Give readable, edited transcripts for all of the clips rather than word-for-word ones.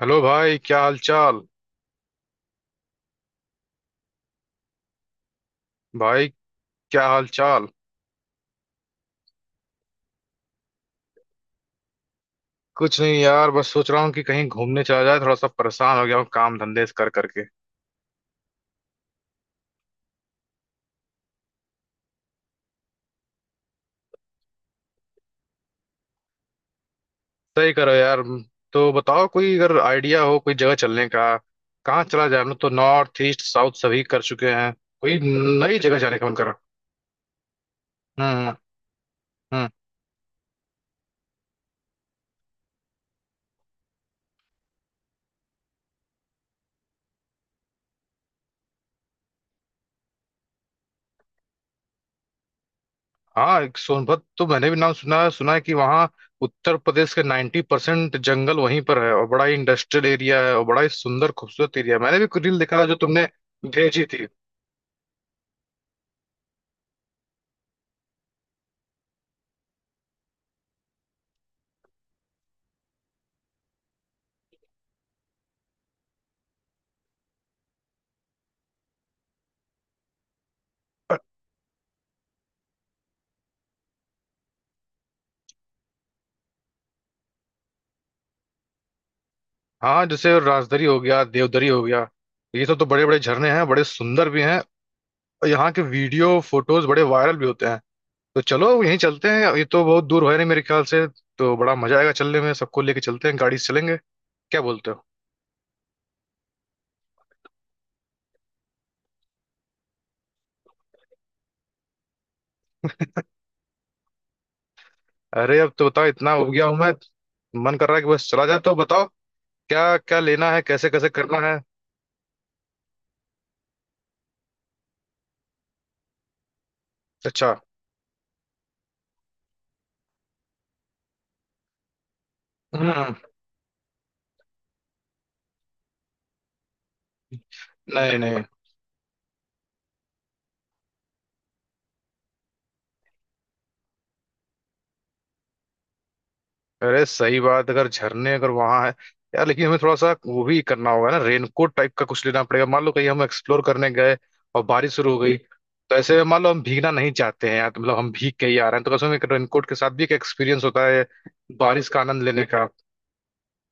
Hello भाई, क्या हाल चाल? भाई, क्या हाल चाल? कुछ नहीं यार, बस सोच रहा हूँ कि कहीं घूमने चला जाए। थोड़ा सा परेशान हो गया हूँ काम धंधे से कर करके। सही करो यार। तो बताओ कोई अगर आइडिया हो कोई जगह चलने का। कहाँ चला जाए? हम लोग तो नॉर्थ ईस्ट साउथ सभी कर चुके हैं। कोई नई जगह जाने का मन कर रहा हूँ। हम्म। हम्म। हाँ, एक सोनभद्र तो मैंने भी नाम सुना है। सुना है कि वहाँ उत्तर प्रदेश के 90% जंगल वहीं पर है, और बड़ा ही इंडस्ट्रियल एरिया है, और बड़ा ही सुंदर खूबसूरत एरिया है। मैंने भी कुछ रील देखा था जो तुमने भेजी थी। हाँ, जैसे राजदरी हो गया, देवदरी हो गया, ये सब तो बड़े बड़े झरने हैं, बड़े सुंदर भी हैं। और यहाँ के वीडियो फोटोज बड़े वायरल भी होते हैं। तो चलो यहीं चलते हैं, ये तो बहुत दूर है नहीं मेरे ख्याल से। तो बड़ा मजा आएगा चलने में, सबको लेके चलते हैं, गाड़ी से चलेंगे। क्या बोलते हो? अरे अब तो बताओ, इतना हो गया हूं मैं। मन कर रहा है कि बस चला जाए, तो बताओ क्या क्या लेना है, कैसे कैसे करना है। अच्छा। हम्म। नहीं नहीं। अरे सही बात, अगर झरने अगर वहां है, यार लेकिन हमें थोड़ा सा वो भी करना होगा ना, रेनकोट टाइप का कुछ लेना पड़ेगा। मान लो कहीं हम एक्सप्लोर करने गए और बारिश शुरू हो गई, तो ऐसे में मान लो हम भीगना नहीं चाहते हैं यार, तो मतलब हम भीग के ही आ रहे हैं तो कसम, एक रेनकोट के साथ भी एक एक्सपीरियंस होता है बारिश का आनंद लेने का।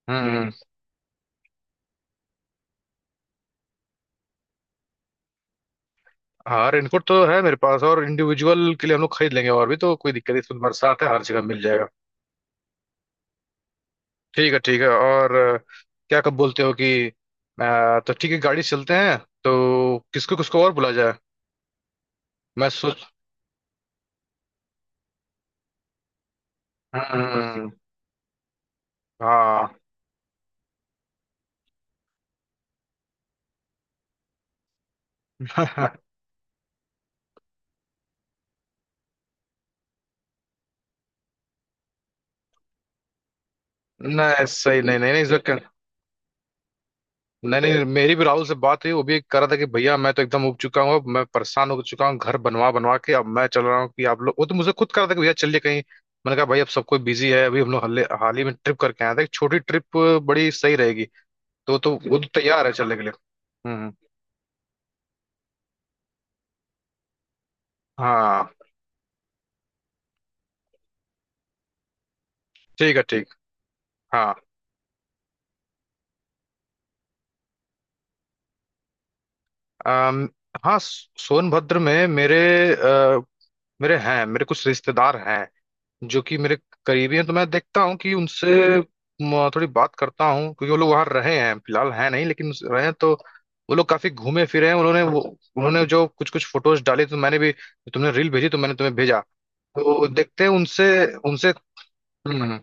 हम्म। हाँ, रेनकोट तो है मेरे पास, और इंडिविजुअल के लिए हम लोग खरीद लेंगे। और भी तो कोई दिक्कत नहीं इसमें, बरसात है हर जगह मिल जाएगा। ठीक है, ठीक है, और क्या कब बोलते हो कि तो ठीक है गाड़ी से चलते हैं। तो किसको किसको और बुला जाए? मैं सोच। हम्म, हाँ। नहीं, सही। नहीं नहीं नहीं, इसमें क-। नहीं नहीं, मेरी भी राहुल से बात हुई, वो भी कह रहा था कि भैया, मैं तो एकदम उब चुका हूँ, अब मैं परेशान हो चुका हूँ घर बनवा बनवा के। अब मैं चल रहा हूँ कि आप लोग, वो तो मुझे खुद कह रहा था कि भैया चलिए कहीं। मैंने कहा भाई, अब सब कोई बिजी है, अभी हम लोग हाल ही में ट्रिप करके आया था, एक छोटी ट्रिप बड़ी सही रहेगी। तो वो तो तैयार है चलने के लिए। हम्म। हाँ। ठीक है, ठीक। हाँ। अम, हाँ, सोनभद्र में मेरे अ, मेरे हैं। मेरे कुछ रिश्तेदार हैं जो कि मेरे करीबी हैं। तो मैं देखता हूँ कि उनसे थोड़ी बात करता हूँ, क्योंकि वो लोग वहाँ रहे हैं, फिलहाल हैं नहीं लेकिन रहे हैं। तो वो लोग काफी घूमे फिरे हैं। उन्होंने जो कुछ कुछ फोटोज डाले तो मैंने भी, तुमने रील भेजी तो मैंने तुम्हें भेजा। तो देखते हैं उनसे। उनसे हम्म,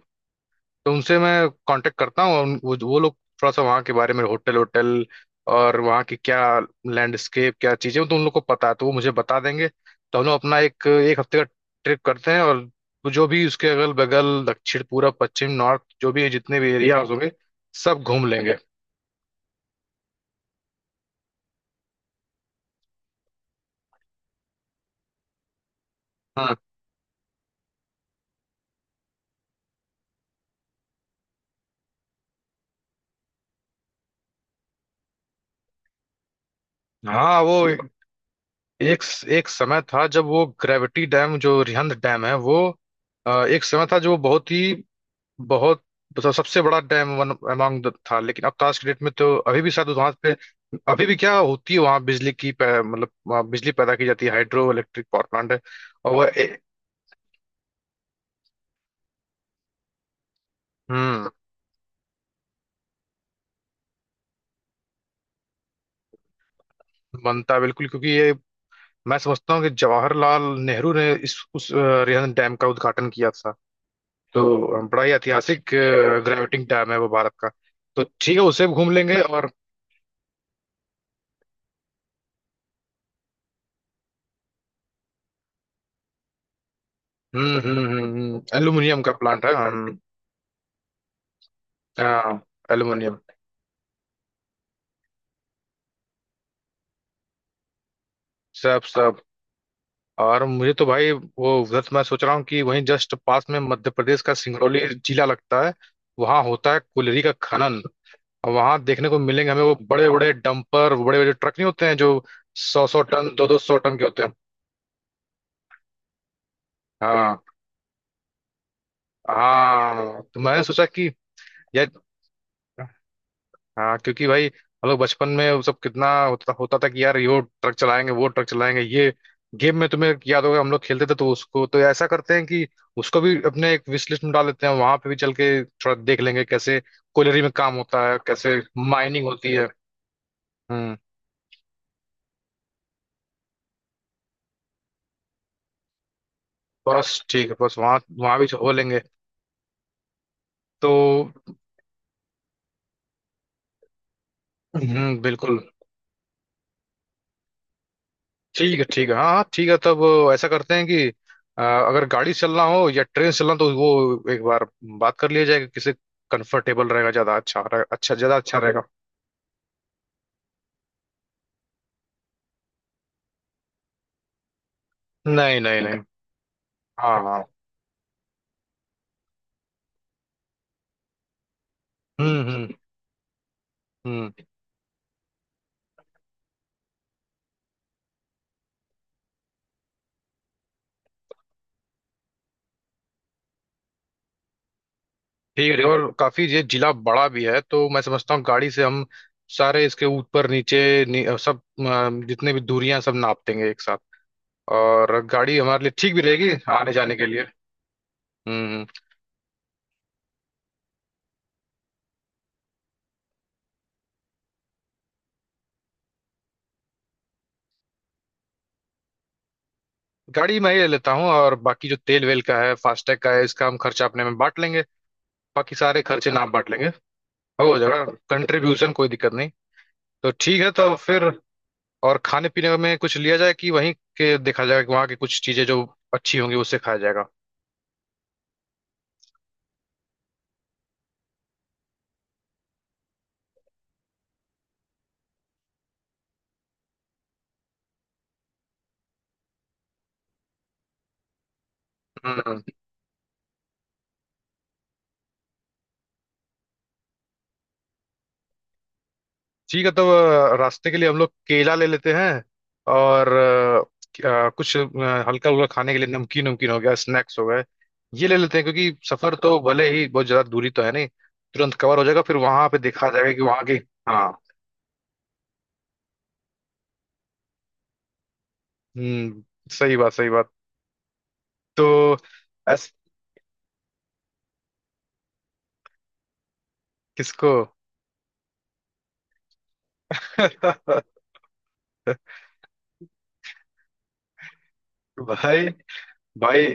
तो उनसे मैं कांटेक्ट करता हूँ, और वो लोग थोड़ा सा वहाँ के बारे में, होटल होटल और वहाँ की क्या लैंडस्केप क्या चीज़ें हैं, तो उन लोग को पता है, तो वो मुझे बता देंगे। तो हम लोग अपना एक एक हफ्ते का ट्रिप करते हैं, और जो भी उसके अगल बगल दक्षिण पूरब पश्चिम नॉर्थ, जो भी जितने भी एरियाज होंगे सब घूम लेंगे। हाँ। हाँ। वो एक एक समय था जब वो ग्रेविटी डैम जो रिहंद डैम है, वो एक समय था जो बहुत ही, बहुत मतलब सबसे बड़ा डैम वन अमंग था। लेकिन अब का क्रिकेट में तो अभी भी शायद वहां पे, अभी भी क्या होती है वहां बिजली की पै-, मतलब वहाँ बिजली पैदा की जाती है, हाइड्रो इलेक्ट्रिक पावर प्लांट है। और वह ए-। हम्म। बनता है बिल्कुल, क्योंकि ये मैं समझता हूँ कि जवाहरलाल नेहरू ने इस उस रिहन डैम का उद्घाटन किया था। तो बड़ा ही ऐतिहासिक ग्रेविटिंग डैम है वो भारत का। तो ठीक है, उसे भी घूम लेंगे। और एल्यूमिनियम का प्लांट है। हाँ। एल्यूमिनियम सब सब। और मुझे तो भाई वो उधर तो मैं सोच रहा हूँ कि वहीं जस्ट पास में मध्य प्रदेश का सिंगरौली जिला लगता है। वहां होता है कोयले का खनन, और वहां देखने को मिलेंगे हमें वो बड़े बड़े डंपर, बड़े बड़े ट्रक नहीं होते हैं जो सौ सौ टन दो दो सौ टन के होते हैं। हाँ हाँ, तो मैंने सोचा कि यार। हाँ क्योंकि भाई हम लोग बचपन में वो सब कितना होता था कि यार, ये वो ट्रक चलाएंगे, वो ट्रक चलाएंगे। ये गेम में तुम्हें याद होगा, हम लोग खेलते थे। तो उसको तो ऐसा करते हैं कि उसको भी अपने एक विश लिस्ट में डाल देते हैं। वहां पे भी चल के थोड़ा देख लेंगे कैसे कोयलरी में काम होता है, कैसे माइनिंग होती है। हम्म। बस ठीक है, बस वहां वहां भी हो लेंगे। तो। हम्म। बिल्कुल। ठीक है, ठीक है। हाँ हाँ, ठीक है तब ऐसा करते हैं कि अगर गाड़ी से चलना हो या ट्रेन से चलना हो, तो वो एक बार बात कर लिया जाएगा किसे कंफर्टेबल रहेगा ज्यादा, अच्छा अच्छा ज्यादा अच्छा रहेगा। नहीं नहीं नहीं। हाँ हाँ। हम्म हम्म हम्म। ठीक है, ठीक है। और काफी ये जिला बड़ा भी है, तो मैं समझता हूँ गाड़ी से हम सारे इसके ऊपर नीचे सब जितने भी दूरियां सब नाप देंगे एक साथ। और गाड़ी हमारे लिए ठीक भी रहेगी आने जाने के लिए। हम्म। हम्म। गाड़ी मैं ही ले लेता हूँ, और बाकी जो तेल वेल का है, फास्टैग का है, इसका हम खर्चा अपने में बांट लेंगे। बाकी सारे खर्चे ना बांट लेंगे, और हो जाएगा। कंट्रीब्यूशन कोई दिक्कत नहीं। तो ठीक है, तो फिर, और खाने पीने में कुछ लिया जाए कि वहीं के देखा जाएगा कि वहाँ की कुछ चीजें जो अच्छी होंगी उससे खाया जाएगा। हम्म। ठीक है तब, रास्ते के लिए हम लोग केला ले लेते हैं, और कुछ हल्का हल्का खाने के लिए, नमकीन नमकीन हो गया, स्नैक्स हो गए, ये ले लेते हैं, क्योंकि सफर तो भले ही, बहुत ज्यादा दूरी तो है नहीं, तुरंत कवर हो जाएगा, फिर वहां पे देखा जाएगा कि वहां की। हाँ। हम्म। सही बात, सही बात। तो ऐस। किसको? भाई, भाई,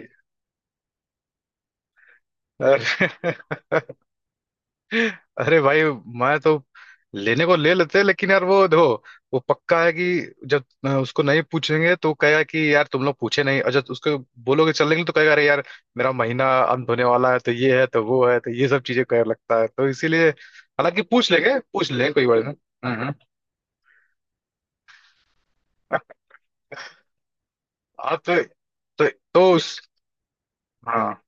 अरे। अरे भाई, मैं तो लेने को ले लेते लेकिन यार, वो देखो वो पक्का है कि जब उसको नहीं पूछेंगे तो कहेगा कि यार तुम लोग पूछे नहीं, और जब उसको बोलोगे चलने के लिए तो कहेगा अरे यार मेरा महीना अंत होने वाला है, तो ये है, तो वो है, तो ये सब चीजें कह लगता है, तो इसीलिए हालांकि पूछ लेंगे, पूछ लेंगे कोई बात नहीं। हम्म। हम्म। आप तो। तो उस। हाँ।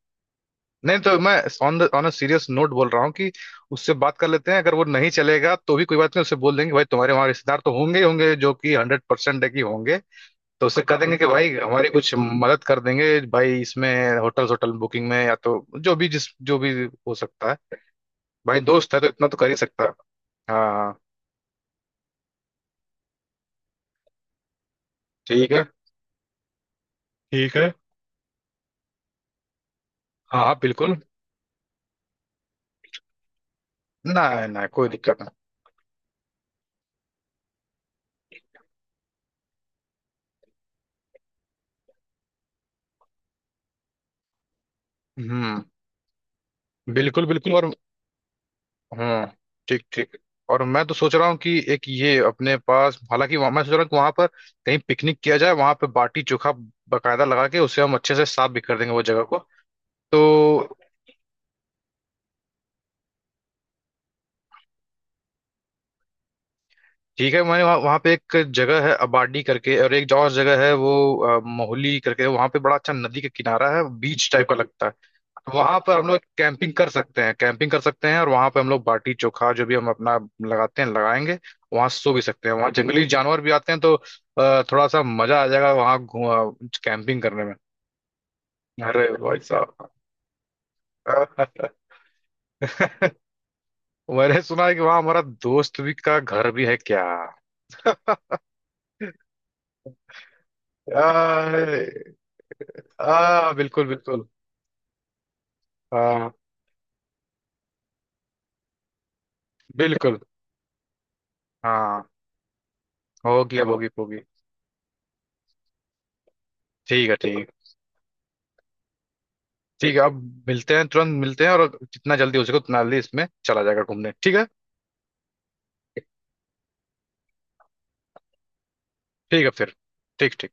नहीं, तो मैं on the on a serious note बोल रहा हूँ कि उससे बात कर लेते हैं, अगर वो नहीं चलेगा तो भी कोई बात नहीं, उससे बोल देंगे भाई तुम्हारे वहाँ रिश्तेदार तो होंगे ही होंगे जो कि 100% है कि होंगे। तो उससे कह देंगे कि भाई हमारी कुछ मदद कर देंगे भाई इसमें होटल होटल बुकिंग में, या तो जो भी जिस जो भी हो सकता है। भाई दोस्त है तो इतना तो कर ही सकता है। हाँ। ठीक है, ठीक है। हाँ हाँ बिल्कुल। ना ना कोई दिक्कत नहीं। बिल्कुल बिल्कुल। और। हम्म। ठीक। ठीक। और मैं तो सोच रहा हूँ कि एक ये अपने पास, हालांकि मैं सोच रहा हूँ कि वहां पर कहीं पिकनिक किया जाए, वहां पे बाटी चोखा बकायदा लगा के उसे हम अच्छे से साफ भी कर देंगे वो जगह को। तो ठीक है। मैंने वहाँ वहाँ पे एक जगह है अबाडी करके, और एक और जगह है वो मोहली करके, वहाँ पे बड़ा अच्छा नदी का किनारा है, बीच टाइप का लगता है। वहां पर हम लोग कैंपिंग कर सकते हैं, कैंपिंग कर सकते हैं, और वहां पे हम लोग बाटी चोखा जो भी हम अपना लगाते हैं लगाएंगे। वहां सो भी सकते हैं, वहां जंगली जानवर भी आते हैं, तो थोड़ा सा मजा आ जाएगा वहां कैंपिंग करने में। अरे भाई साहब। मैंने सुना है कि वहां हमारा दोस्त भी का घर भी है क्या? आ, आ, बिल्कुल बिल्कुल। हाँ बिल्कुल। हाँ। होगी अब, होगी होगी। ठीक है, ठीक है। ठीक है अब मिलते हैं, तुरंत मिलते हैं, और जितना जल्दी हो सके उतना जल्दी इसमें चला जाएगा घूमने। ठीक है। ठीक है फिर। ठीक। ठीक।